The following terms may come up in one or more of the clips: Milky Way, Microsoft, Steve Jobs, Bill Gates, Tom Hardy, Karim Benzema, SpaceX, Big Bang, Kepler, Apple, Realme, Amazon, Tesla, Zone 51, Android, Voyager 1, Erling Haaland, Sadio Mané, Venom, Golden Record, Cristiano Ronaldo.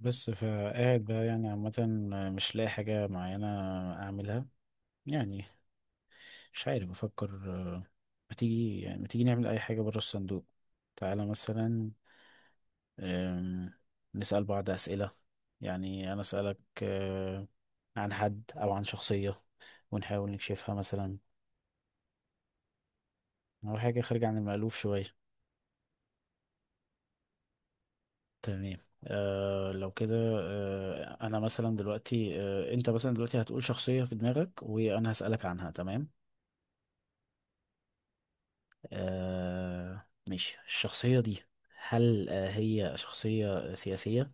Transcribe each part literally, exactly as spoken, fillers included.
بس فقاعد بقى، يعني عامة مش لاقي حاجة معينة أعملها، يعني مش عارف. بفكر آه، ما تيجي يعني ما تيجي نعمل أي حاجة برا الصندوق. تعالى مثلا. آم، نسأل بعض أسئلة. يعني أنا أسألك آه، عن حد أو عن شخصية ونحاول نكشفها مثلا، أو حاجة خارجة عن المألوف شوية. تمام. آه لو كده آه أنا مثلا دلوقتي آه أنت مثلا دلوقتي هتقول شخصية في دماغك وأنا هسألك عنها. تمام. آه ماشي. الشخصية دي، هل آه هي شخصية سياسية؟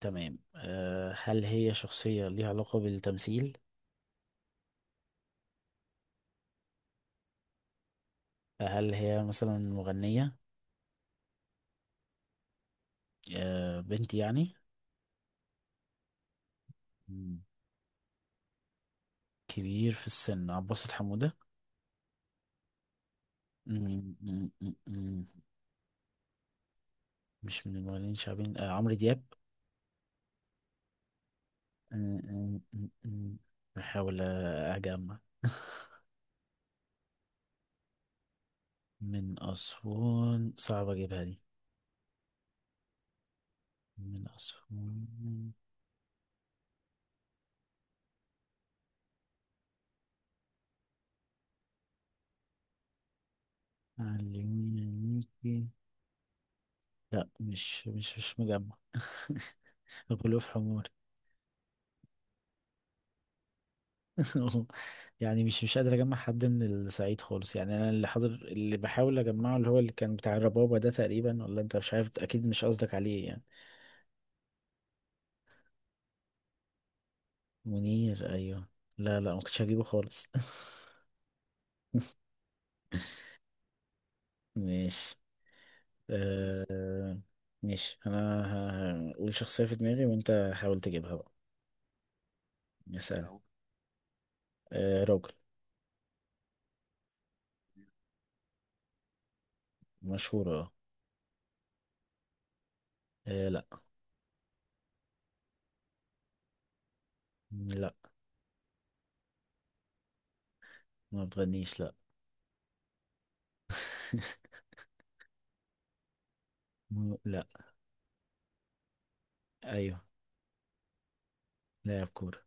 تمام. آه هل هي شخصية ليها علاقة بالتمثيل؟ هل هي مثلا مغنية؟ آه بنت يعني؟ مم. كبير في السن. عباس حمودة؟ مم، مم، مم، مم. مش من المغنيين الشعبيين. آه عمرو دياب؟ مم، مم، مم، مم. بحاول آه، أجمع. من أسوان صعب أجيبها دي. من أسوان. علميني عينيكي. لا، مش مش مش مجمع. غلو في حمار. يعني مش مش قادر اجمع حد من الصعيد خالص، يعني انا اللي حاضر اللي بحاول اجمعه اللي هو اللي كان بتاع الربابة ده تقريبا، ولا انت؟ مش عارف، اكيد مش قصدك عليه يعني. منير، ايوه. لا لا، ما كنتش هجيبه خالص. ماشي. آه... ماشي انا. ه- هقول شخصية في دماغي وانت حاول تجيبها بقى. مثلا أو- آه راجل. مشهور، اه. آه، لا. لا، ما بتغنيش، لا. مو- لا. ايوه، لاعب كورة.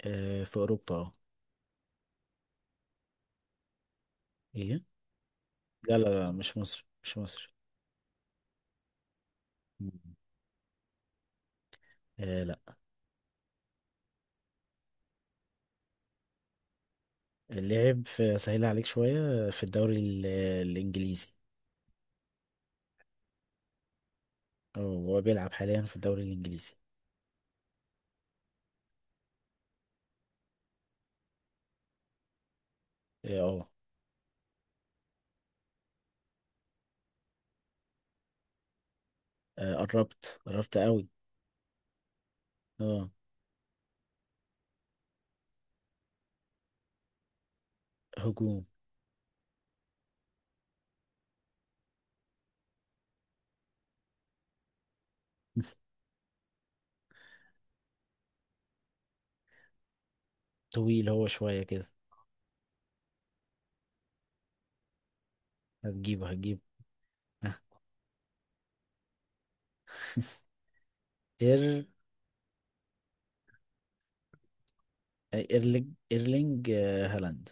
آه في اوروبا، اه. ايه؟ لا لا لا، مش مصر مش مصر. مم. آه لا. لعب في سهل عليك شوية. في الدوري ال- الانجليزي. اه، هو بيلعب حاليا في الدوري الانجليزي. اه، آه، آه، قربت قربت قوي. اه. هجوم. طويل هو شوية كده. هتجيبه هتجيبه. اير ايرلينج ايرلينج آه، هالاند.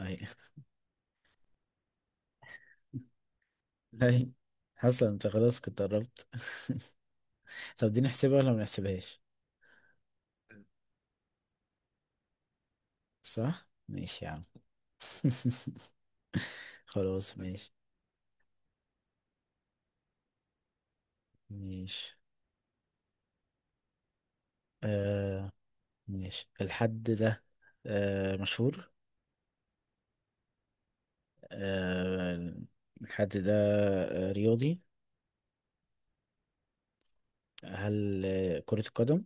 اي. اي، حسن انت خلاص كنت قربت. طب دي نحسبها ولا ما نحسبهاش؟ صح، ماشي يا عم. خلاص ماشي. ماشي. آه ماشي الحد ده. آه مشهور. آه الحد ده آه رياضي. هل آه كرة القدم؟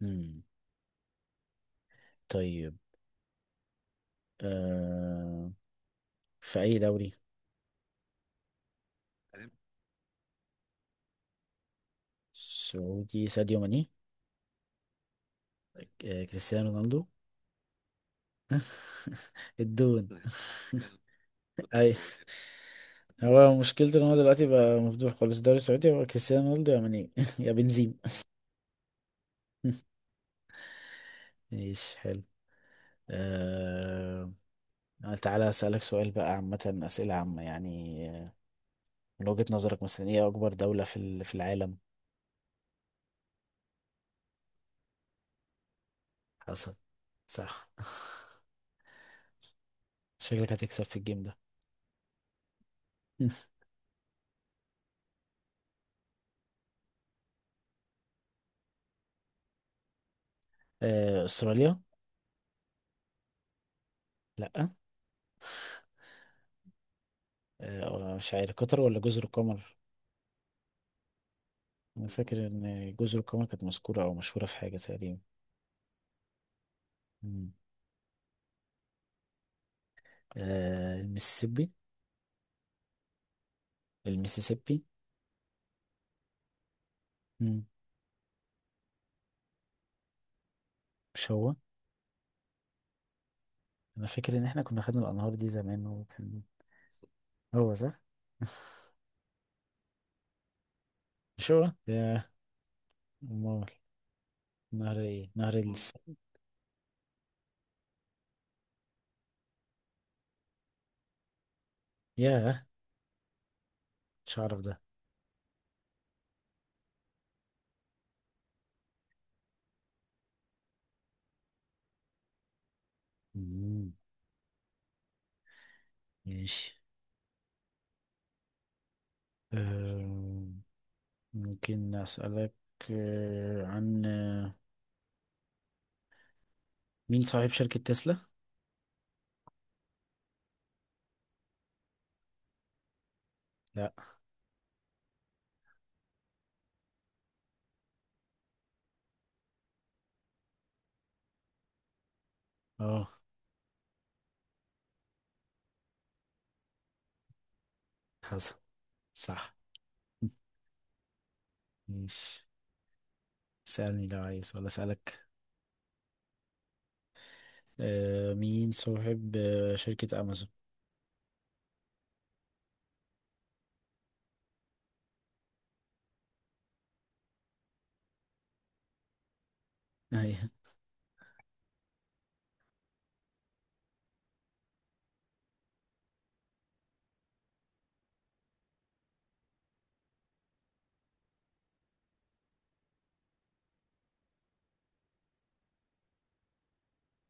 مم. طيب. آه في أي دوري؟ سعودي. ساديو ماني. آه كريستيانو رونالدو. الدون. اي. هو مشكلته ان هو دلوقتي بقى مفضوح خالص. الدوري السعودي هو كريستيانو رونالدو، يا ماني يا بنزيما. ماشي، حلو. آه... تعالى أسألك سؤال بقى. عامة، أسئلة عامة يعني. آه، من وجهة نظرك مثلا، إيه أكبر دولة في ال- في العالم؟ حصل. صح. شكلك هتكسب في الجيم ده. آه... أستراليا؟ لأ. آه... مش عارف، قطر ولا جزر القمر؟ أنا فاكر إن جزر القمر كانت مذكورة أو مشهورة في حاجة تقريبا. مم. آه... المسيسيبي. المسيسيبي. مم. مش هو. انا فاكر ان احنا كنا خدنا الانهار دي زمان، وكان هو صح. مش هو يا. امال نهر ايه؟ نهر الس. يا. مش هعرف ده. مم. ماشي. أم، ممكن اسالك أه، عن أه، مين صاحب شركة تسلا؟ لا. اه. حسن. صح. ماشي. سألني لو عايز ولا اسالك؟ أه، مين صاحب أه، شركة امازون؟ أيوة.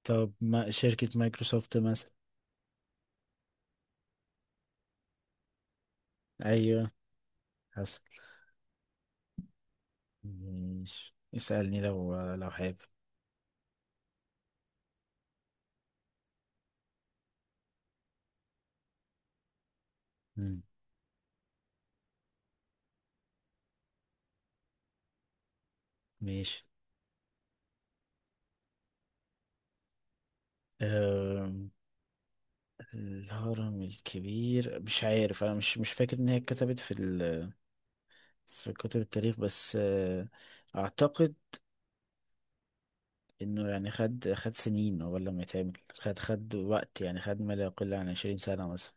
طب ما شركة مايكروسوفت مثلا. ايوه، حصل. ماشي، اسألني لو لو حابب. مم. ماشي. أم، الهرم الكبير مش عارف. انا مش مش فاكر ان هي اتكتبت في ال... في كتب التاريخ. بس أه، اعتقد انه يعني خد خد سنين قبل لما يتعمل، خد خد وقت يعني، خد ما لا يقل عن عشرين سنة مثلا.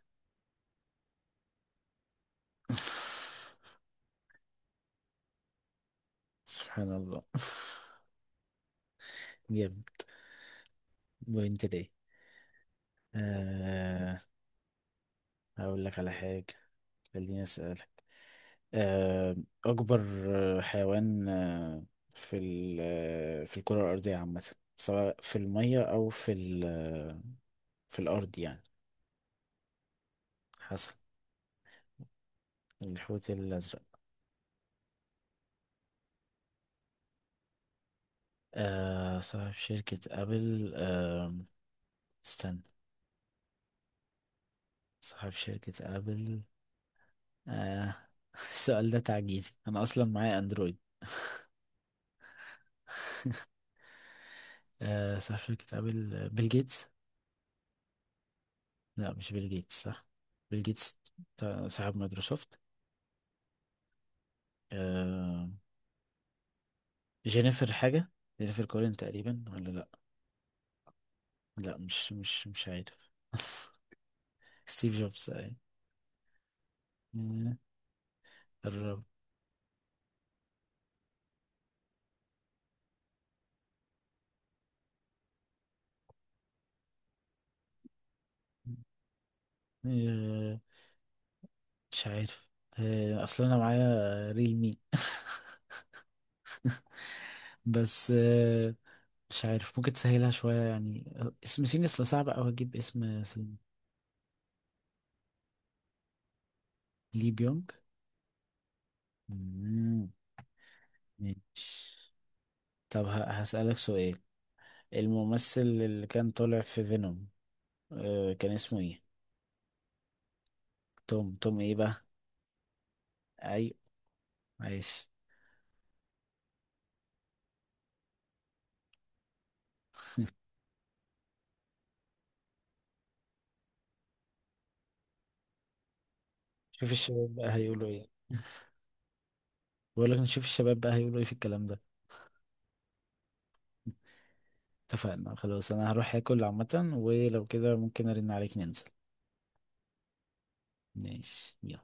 سبحان الله. جامد. وانت ليه؟ أه هقول لك على حاجة. خليني اسألك. آه، أكبر آه، حيوان آه، في ال- آه، في الكرة الأرضية عامة، سواء في المية أو في ال- آه، في الأرض يعني. حسب. الحوت الأزرق. آه، صاحب شركة أبل، آه، استنى. صاحب شركة أبل. آه، السؤال ده تعجيزي، أنا أصلا معايا أندرويد. آه، صاحب شركة أبل آه، بيل جيتس. لا، مش بيل جيتس. صح، بيل جيتس بتاع- صاحب مايكروسوفت. آه، جينيفر حاجة. جينيفر كولين تقريبا، ولا لا. لا، مش مش مش عارف. ستيف جوبز، أي. آه، قرب. آه، مش عارف. آه، اصل انا معايا ريلمي. بس آه، مش عارف ممكن تسهلها شوية يعني. آه، اسم سين اصل صعب اوي اجيب اسم سين. لي بيونج. مم. ماشي. طب ه- هسألك سؤال. الممثل اللي كان طالع في فينوم، آه، كان اسمه ايه؟ توم. توم ايه بقى؟ اي. عايش. شوف الشباب بقى هيقولوا ايه. بقول لك نشوف الشباب بقى هيقولوا ايه في الكلام ده. اتفقنا. خلاص انا هروح اكل عامة، ولو كده ممكن ارن عليك ننزل. ماشي، يلا.